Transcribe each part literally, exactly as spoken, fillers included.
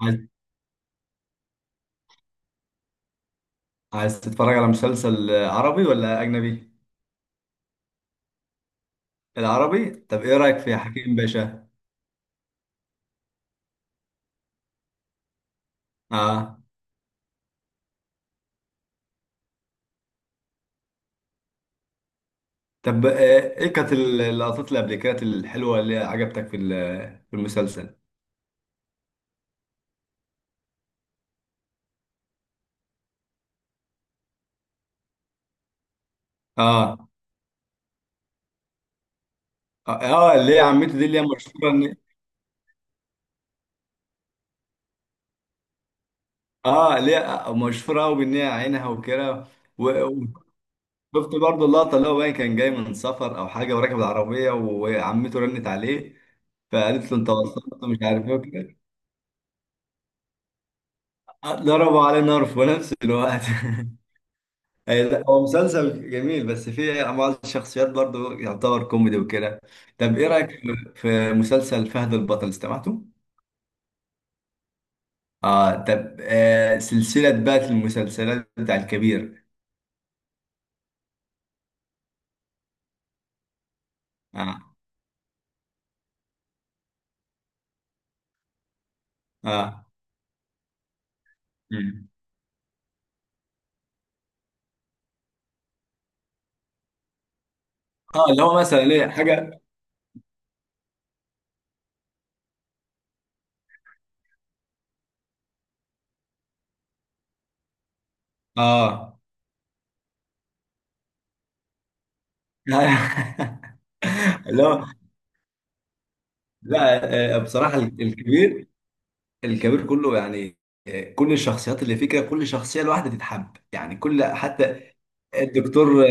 عايز عايز تتفرج على مسلسل عربي ولا أجنبي؟ العربي؟ طب إيه رأيك في حكيم باشا؟ آه. طب آه، إيه كانت اللقطات اللي قبل كده الحلوة اللي عجبتك في ال- في المسلسل؟ آه، آه، آه، اللي هي عمته دي اللي هي مشهورة إن. آه اللي هي آه، مشهورة أوي بإن هي عينها وكده. و- وشفت برضه اللقطة اللي هو باين كان جاي من سفر أو حاجة وراكب العربية وعمته رنت عليه، فقالت له أنت وصلت مش عارف إيه وكده. آه، ضربوا عليه نار في نفس الوقت. أي لا، هو مسلسل جميل بس فيه بعض الشخصيات برضو يعتبر كوميدي وكده. طب ايه رأيك في في مسلسل فهد البطل استمعته؟ اه. طب آه سلسلة بقى المسلسلات بتاع الكبير. اه، اه، مم. اه، اللي هو مثلا ايه حاجة. اه. اللي هو لا، آه بصراحة الكبير، الكبير كله يعني، آه، كل الشخصيات اللي فيه كده كل شخصية لوحدها تتحب يعني، كل حتى الدكتور.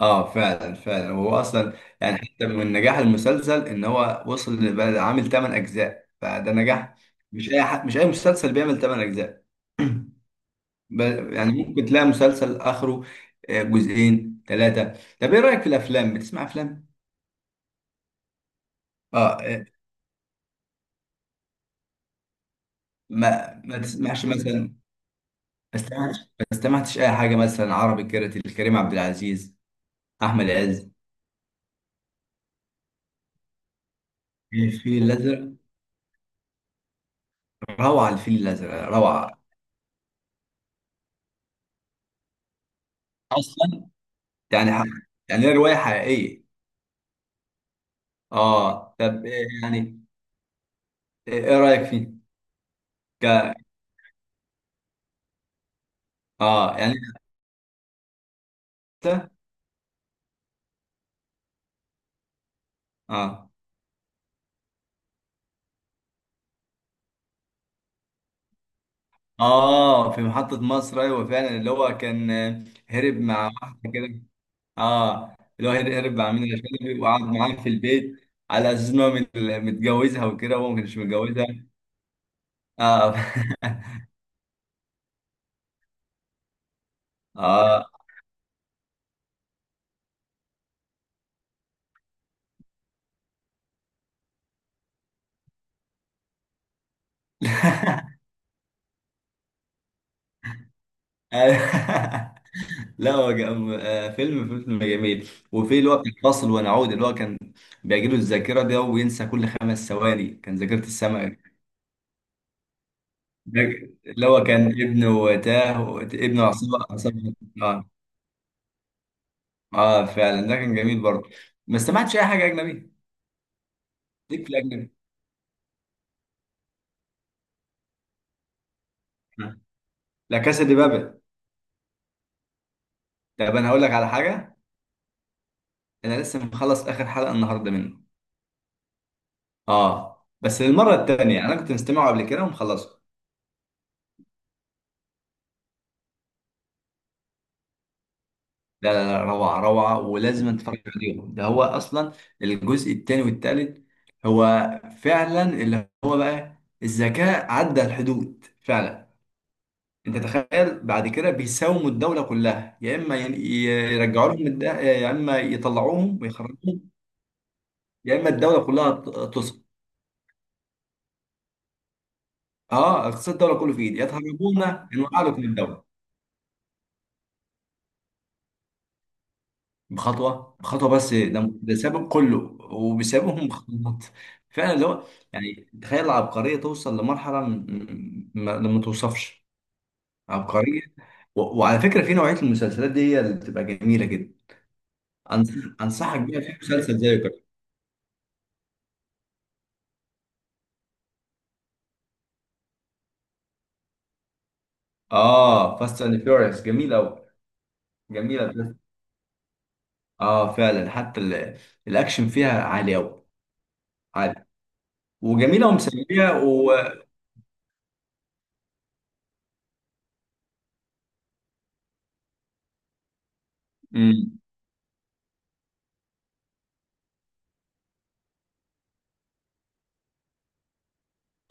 اه فعلا، فعلا، هو اصلا يعني، حتى من نجاح المسلسل ان هو وصل لبقى عامل 8 اجزاء فده نجاح. مش اي حد، مش اي مسلسل بيعمل 8 اجزاء. ب- يعني ممكن تلاقي مسلسل اخره آه، جزئين ثلاثه. طب ايه رايك في الافلام؟ بتسمع افلام؟ اه. آه، ما ما تسمعش مثلا؟ ما استمعتش ما استمعتش اي حاجه مثلا عربي كده لكريم عبد العزيز، احمد عز؟ الفيل الازرق، روعه، الفيل الازرق روعه. اصلا؟ يعني، يعني هي روايه حقيقيه. اه. طب إيه يعني؟ ايه، إيه رايك فيه؟ ك... اه يعني انت، اه، اه، في محطة مصر، ايوه فعلا، اللي هو كان آه، هرب مع واحدة كده. اه، اللي هو هرب، هرب مع منى شلبي وقعد معاها في البيت على اساس ان هو مت- متجوزها وكده، وهو ما كانش متجوزها. اه. اه. لا هو جم- آه، فيلم، فيلم جميل. وفي اللي هو بتاع فاصل ونعود، اللي هو كان بيجيله الذاكرة ده وينسى كل خمس ثواني، كان ذاكرة السمع. ده اللي هو كان ابنه تاه، ابنه عصابة عصابة. اه. اه فعلا، ده كان جميل برضه. ما استمعتش اي حاجه اجنبي ليك في الاجنبي؟ آه. لا، كاسا دي بابل. طب انا هقول لك على حاجه. انا لسه مخلص اخر حلقه النهارده منه. اه بس للمره الثانيه انا كنت مستمعه قبل كده ومخلصه. لا، لا، لا، روعه، روعه، ولازم اتفرج عليهم، ده هو اصلا الجزء الثاني والثالث، هو فعلا اللي هو بقى الذكاء عدى الحدود فعلا. انت تخيل بعد كده بيساوموا الدوله كلها، يا اما ين- يرجعوا لهم الد- يا اما يطلعوهم ويخرجوهم، يا اما الدوله كلها ت- تسقط. اه، اقتصاد الدوله كله في ايدي، يا تهربونا نوقع لكم الدوله بخطوه، بخطوه بس، ده ده سابق كله وبيسابقهم بخطوات. فعلا اللي هو يعني، تخيل العبقريه توصل لمرحله م- م- ما ما توصفش، عبقريه. و- وعلى فكره، في نوعيه المسلسلات دي هي اللي بتبقى جميله جدا. أنصح- انصحك بيها في مسلسل زي. اه، فاست اند فيوريوس جميل قوي، جميله بجد. اه فعلا، حتى ال- الاكشن فيها عالي قوي، عالي، وجميله ومسليه و... مم.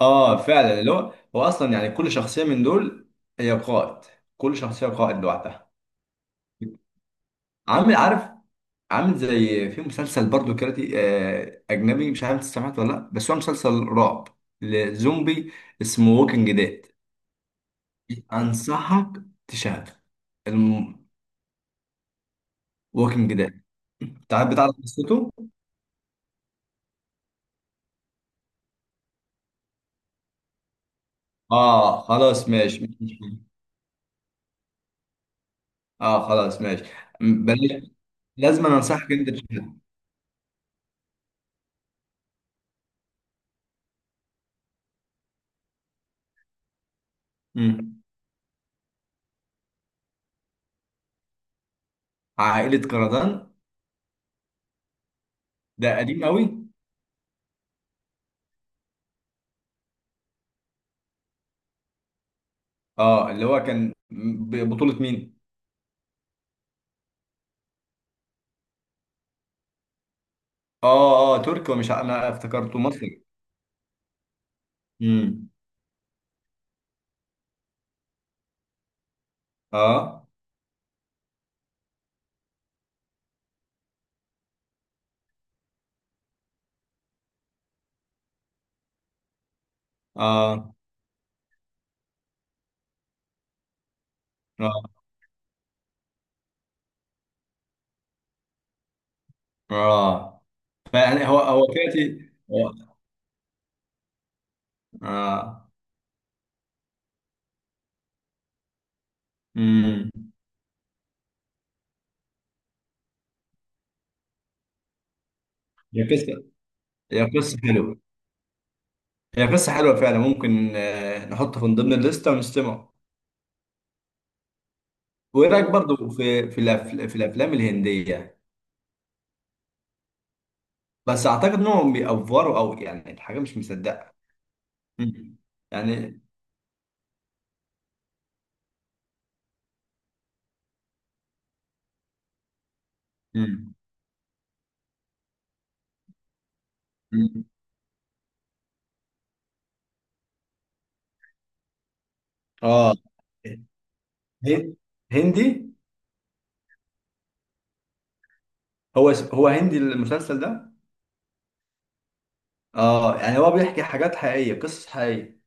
اه فعلا، اللي هو هو اصلا يعني كل شخصيه من دول هي قائد، كل شخصيه قائد لوحدها. عامل عارف، عامل زي في مسلسل برضو كاراتي، آه اجنبي، مش عارف انت سمعت ولا لا، بس هو مسلسل رعب، لزومبي، اسمه ووكينج ديد. انصحك تشاهده. الم... ووكينج ديد. تعال، بتعرف قصته؟ اه خلاص، ماشي، ماشي. اه خلاص، ماشي. م- بلاش. لازم انا انصحك انت تشوفها. مم. عائلة كردان؟ ده قديم قوي. اه، اللي هو كان ببطولة مين؟ اه، اه تركي، ومش ع- انا افتكرته مصري. امم. اه، اه، اه، اه. فيعني هو، هو فاتي هو- اه. امم. هي قصة، هي قصة حلوة هي قصة حلوة فعلا. ممكن آه، نحطه من ضمن الليستة ونستمع. وايه رايك برضو في في الأف- في الافلام الهنديه؟ بس اعتقد انهم بيأفوروا، او يعني الحاجه مش مصدقه. مم. يعني. مم. مم. اه هن- هندي. هو اس- هو هندي المسلسل ده؟ اه يعني هو بيحكي حاجات حقيقيه، قصص حقيقيه.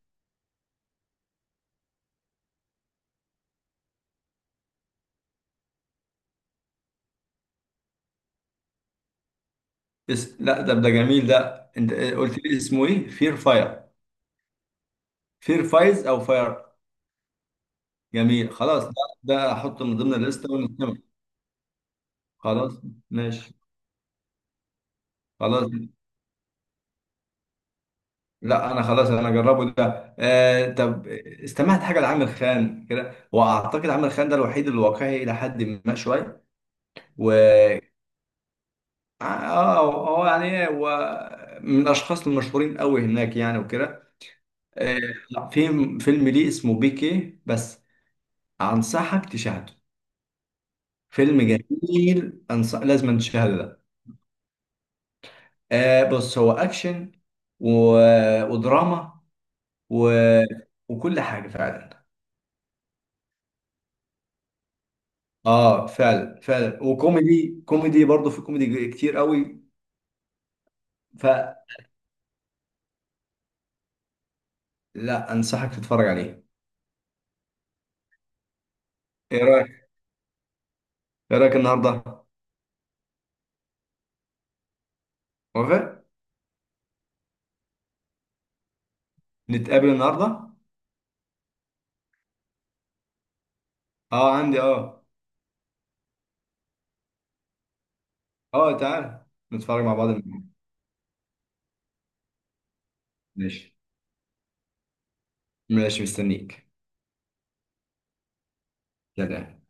اس... لا، ده ده جميل. ده انت آه، قلت لي اسمه ايه؟ فير فاير؟ فير فايز او فاير؟ جميل خلاص، ده ده احطه من ضمن الليسته ونتكلم. خلاص ماشي. خلاص. لا انا خلاص انا اجربه ده. آه طب، استمعت حاجه لعامر خان كده؟ واعتقد عامر خان ده الوحيد الواقعي الى حد ما شويه. و، اه، هو يعني إيه، هو من الاشخاص المشهورين قوي هناك يعني وكده. آه. لا، في فيلم ليه اسمه بيكي بس، انصحك تشاهده. فيلم جميل. أنصح... لازم تشاهده ده. آه بص، هو اكشن و... ودراما و... وكل حاجه فعلا. اه فعلا، فعلا، وكوميدي كوميدي برضه، في كوميدي كتير قوي. فلا، انصحك تتفرج عليه. ايه رايك؟ ايه رايك النهارده؟ وافق نتقابل النهارده؟ اه عندي، اه. اه تعال، نتفرج مع بعض النهاردة. ماشي. ماشي، مستنيك. سلام.